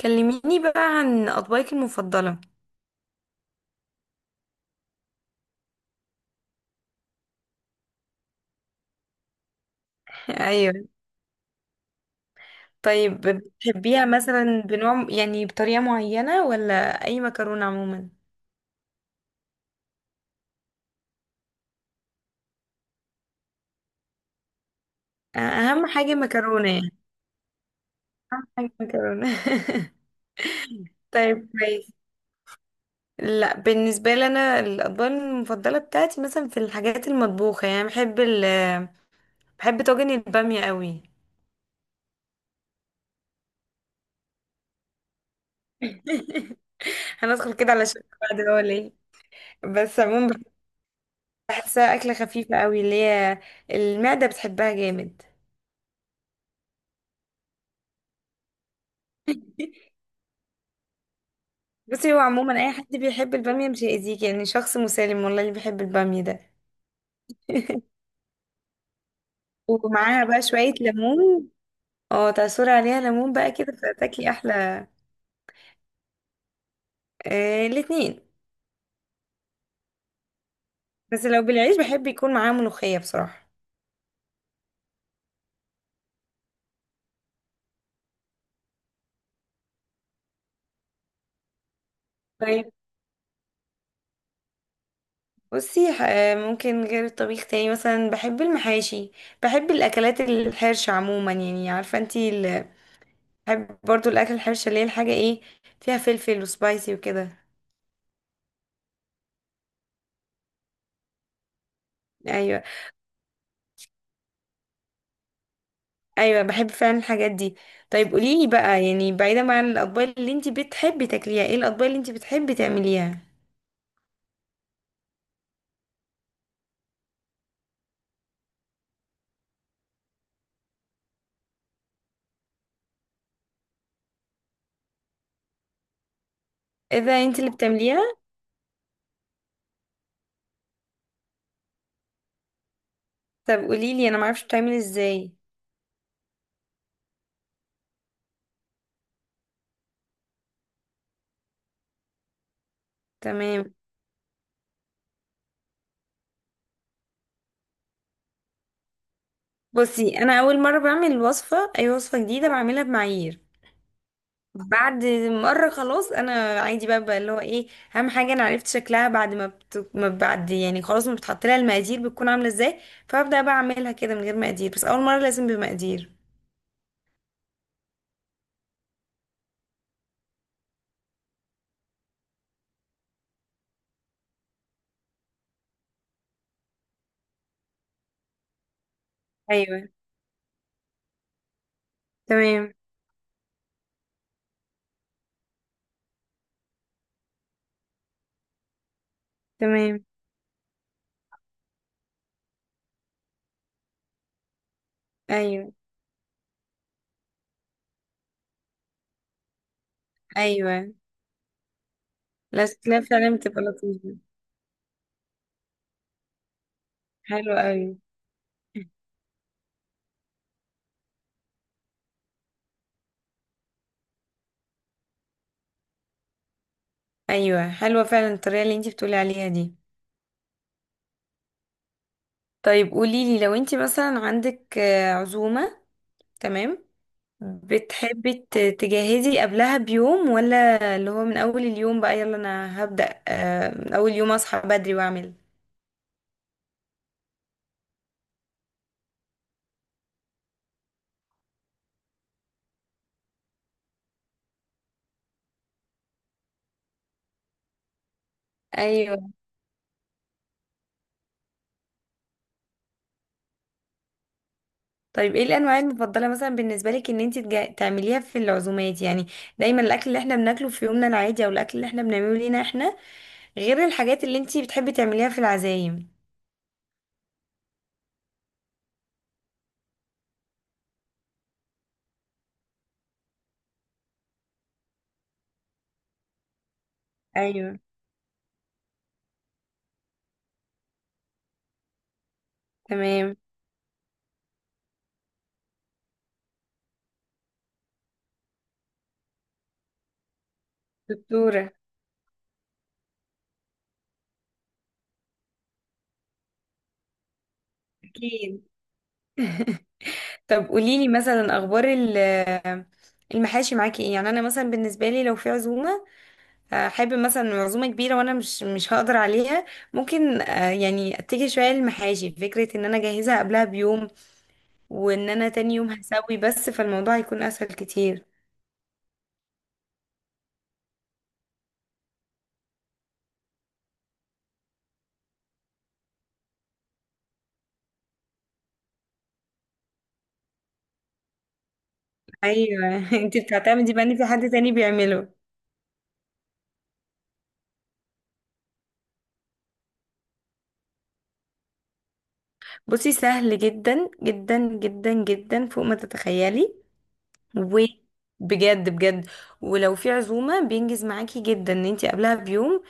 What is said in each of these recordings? كلميني بقى عن أطباقك المفضلة. أيوة. طيب بتحبيها مثلا بنوع، يعني بطريقة معينة ولا أي مكرونة عموما؟ أهم حاجة مكرونة يعني، أهم حاجة مكرونة. طيب كويس. لا، بالنسبة لي أنا الأطباق المفضلة بتاعتي مثلا في الحاجات المطبوخة، يعني بحب بحب طاجن البامية قوي. هندخل كده على شكل بعد، هو ليه بس عموما بحسها أكلة خفيفة قوي، اللي هي المعدة بتحبها جامد. بصي، هو عموما اي حد بيحب الباميه مش هيأذيك، يعني شخص مسالم والله اللي بيحب الباميه ده. ومعاها بقى شويه ليمون، اه تعصري عليها ليمون بقى كده فتاكلي احلى. آه الاتنين. بس لو بالعيش بحب يكون معاها ملوخيه بصراحه. طيب. بصي ممكن غير الطبيخ، تاني مثلا بحب المحاشي. بحب الاكلات الحرشه عموما، يعني عارفه انتي بحب برضو الاكل الحرشه، اللي هي الحاجه ايه، فيها فلفل وسبايسي وكده. ايوه. ايوه بحب فعلا الحاجات دي. طيب قوليلي بقى، يعني بعيدا عن الاطباق اللي انت بتحبي تاكليها، ايه الاطباق اللي انت بتحبي تعمليها؟ اذا انت اللي بتعمليها. طب قوليلي انا معرفش بتعمل ازاي. تمام. بصي انا اول مره بعمل وصفه، اي وصفه جديده بعملها بمعايير. بعد مره خلاص انا عادي بقى، بقى اللي هو ايه، اهم حاجه انا عرفت شكلها بعد ما يعني خلاص، ما بتحط لها المقادير بتكون عامله ازاي، فابدا بقى اعملها كده من غير مقادير، بس اول مره لازم بمقادير. ايوه. تمام. تمام. ايوه. ايوه. الاسكلاف فعلا بتبقى لطيفه. حلوه قوي. ايوه حلوه فعلا الطريقه اللي انتي بتقولي عليها دي. طيب قولي لي، لو انتي مثلا عندك عزومه، تمام، تجهزي قبلها بيوم، ولا اللي هو من اول اليوم بقى يلا انا هبدأ من اول يوم اصحى بدري واعمل؟ ايوه. طيب ايه الانواع المفضله مثلا بالنسبه لك، ان انت تعمليها في العزومات، يعني دايما الاكل اللي احنا بناكله في يومنا العادي، او الاكل اللي احنا بنعمله لينا احنا، غير الحاجات اللي انتي بتحبي تعمليها في العزايم؟ ايوه. تمام. دكتورة. اكيد. طب قوليلي مثلا اخبار المحاشي معاكي ايه؟ يعني انا مثلا بالنسبه لي، لو في عزومه حابب مثلا عزومه كبيره وانا مش هقدر عليها، ممكن يعني اتجه شويه للمحاشي، فكره ان انا اجهزها قبلها بيوم، وان انا تاني يوم هسوي بس، فالموضوع هيكون اسهل كتير. ايوه. انت بتعتمدي بقى ان في حد تاني بيعمله. بصي سهل جدا جدا جدا جدا فوق ما تتخيلي. وبجد بجد. ولو في عزومة بينجز معاكي جدا ان انتي قبلها بيوم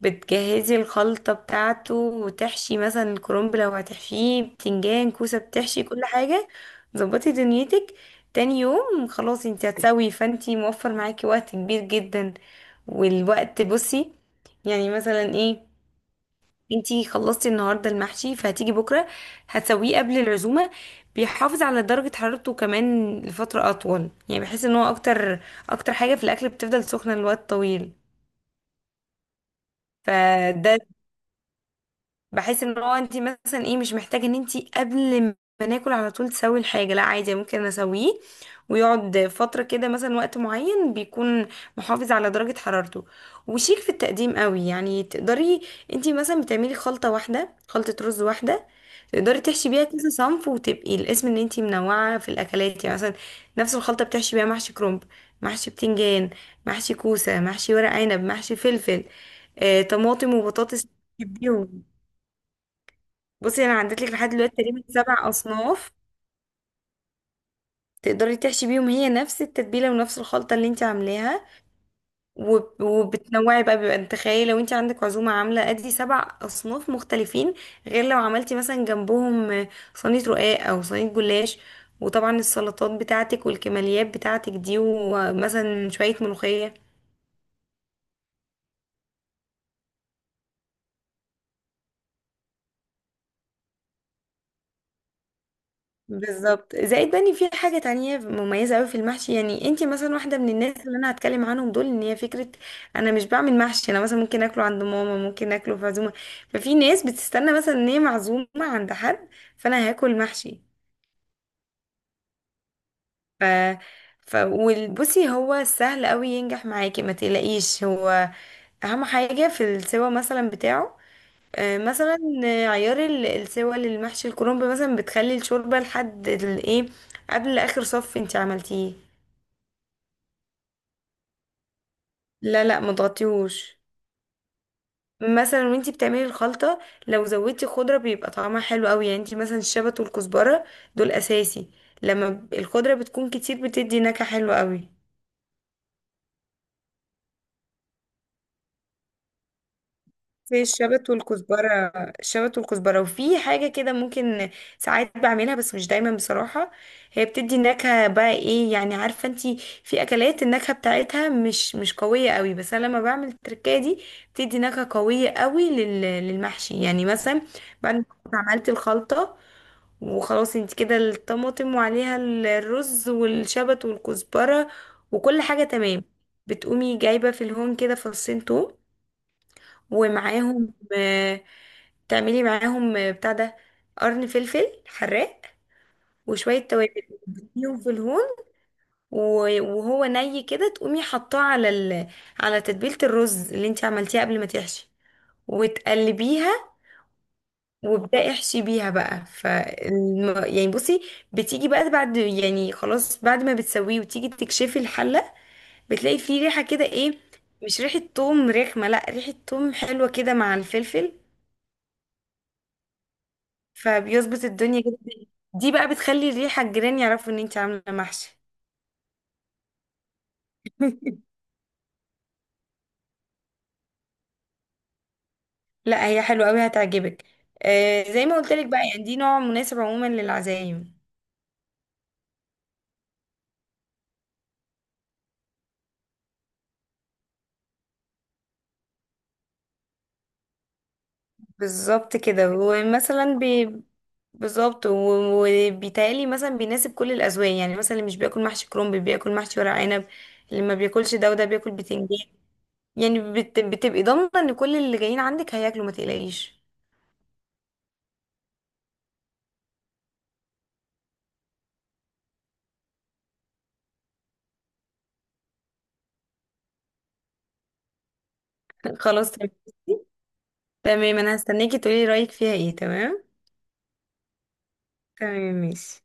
بتجهزي الخلطة بتاعته، وتحشي مثلا الكرنب لو هتحشيه، بتنجان، كوسة، بتحشي كل حاجة. ظبطي دنيتك. تاني يوم خلاص انتي هتسوي، فانتي موفر معاكي وقت كبير جدا. والوقت بصي، يعني مثلا ايه، انتي خلصتي النهارده المحشي فهتيجي بكره هتسويه قبل العزومه، بيحافظ على درجه حرارته كمان لفتره اطول، يعني بحيث ان هو اكتر، اكتر حاجه في الاكل بتفضل سخنه لوقت طويل. فده بحيث ان هو انت مثلا ايه، مش محتاجه ان انت قبل ما ناكل على طول تسوي الحاجه، لا عادي ممكن اسويه ويقعد فتره كده مثلا، وقت معين بيكون محافظ على درجه حرارته. وشيك في التقديم قوي، يعني تقدري انت مثلا بتعملي خلطه واحده، خلطه رز واحده تقدري تحشي بيها كذا صنف، وتبقي الاسم ان انت منوعه في الاكلات. يعني مثلا نفس الخلطه بتحشي بيها محشي كرنب، محشي بتنجان، محشي كوسه، محشي ورق عنب، محشي فلفل، طماطم وبطاطس. تحبيهم. بصي انا عدت لك لحد دلوقتي تقريبا 7 اصناف، تقدري تحشي بيهم، هي نفس التتبيله ونفس الخلطه اللي انت عاملاها. وبتنوعي بقى، بيبقى انت تخيلي لو انت عندك عزومه عامله ادي 7 اصناف مختلفين، غير لو عملتي مثلا جنبهم صينيه رقاق او صينيه جلاش، وطبعا السلطات بتاعتك والكماليات بتاعتك دي، ومثلا شويه ملوخيه. بالظبط. زائد بني في حاجة تانية مميزة أوي في المحشي، يعني انتي مثلا واحدة من الناس اللي أنا هتكلم عنهم دول، إن هي فكرة أنا مش بعمل محشي، أنا مثلا ممكن أكله عند ماما، ممكن أكله في عزومة. ففي ناس بتستنى مثلا إن هي معزومة عند حد فأنا هاكل محشي. ف ف وبصي هو سهل أوي ينجح معاكي ما تقلقيش. هو أهم حاجة في السوا مثلا بتاعه، مثلا عيار السوى للمحشي الكرنب، مثلا بتخلي الشوربة لحد الايه، قبل اخر صف انت عملتيه. لا، ما تغطيهوش. مثلا وانتي بتعملي الخلطة لو زودتي خضرة بيبقى طعمها حلو قوي، يعني انتي مثلا الشبت والكزبرة دول اساسي. الخضرة بتكون كتير بتدي نكهة حلوة قوي، زي الشبت والكزبرة. الشبت والكزبرة، وفي حاجة كده ممكن ساعات بعملها بس مش دايما بصراحة، هي بتدي نكهة بقى ايه، يعني عارفة انتي، في أكلات النكهة بتاعتها مش قوية قوي، بس أنا لما بعمل التركية دي بتدي نكهة قوية قوي للمحشي. يعني مثلا بعد ما كنت عملت الخلطة وخلاص انتي كده الطماطم وعليها الرز والشبت والكزبرة وكل حاجة تمام، بتقومي جايبة في الهون كده فصين توم، ومعاهم تعملي معاهم بتاع ده، قرن فلفل حراق وشوية توابل، تديهم في الهون وهو ني كده تقومي حطاه على على تتبيلة الرز اللي انت عملتيها قبل ما تحشي، وتقلبيها وابدأي احشي بيها بقى. يعني بصي، بتيجي بقى بعد، يعني خلاص بعد ما بتسويه وتيجي تكشفي الحلة، بتلاقي فيه ريحة كده، ايه، مش ريحة توم رخمة، لا ريحة توم حلوة كده مع الفلفل، فبيظبط الدنيا كده. دي بقى بتخلي الريحة الجيران يعرفوا ان انت عاملة محشي. لا هي حلوة قوي هتعجبك. آه زي ما قلت لك بقى، يعني دي نوع مناسب عموما للعزايم. بالظبط كده. ومثلا بالظبط، وبيتهيألي مثلا بيناسب كل الأذواق، يعني مثلا اللي مش بياكل محشي كرنب بياكل محشي ورق عنب، اللي ما بياكلش ده وده بياكل بتنجان. يعني بتبقي ضامنة ان كل اللي جايين عندك هياكلوا، ما تقلقيش. خلاص تمام. تمام انا هستناكي تقولي رأيك فيها ايه. تمام. تمام ماشي.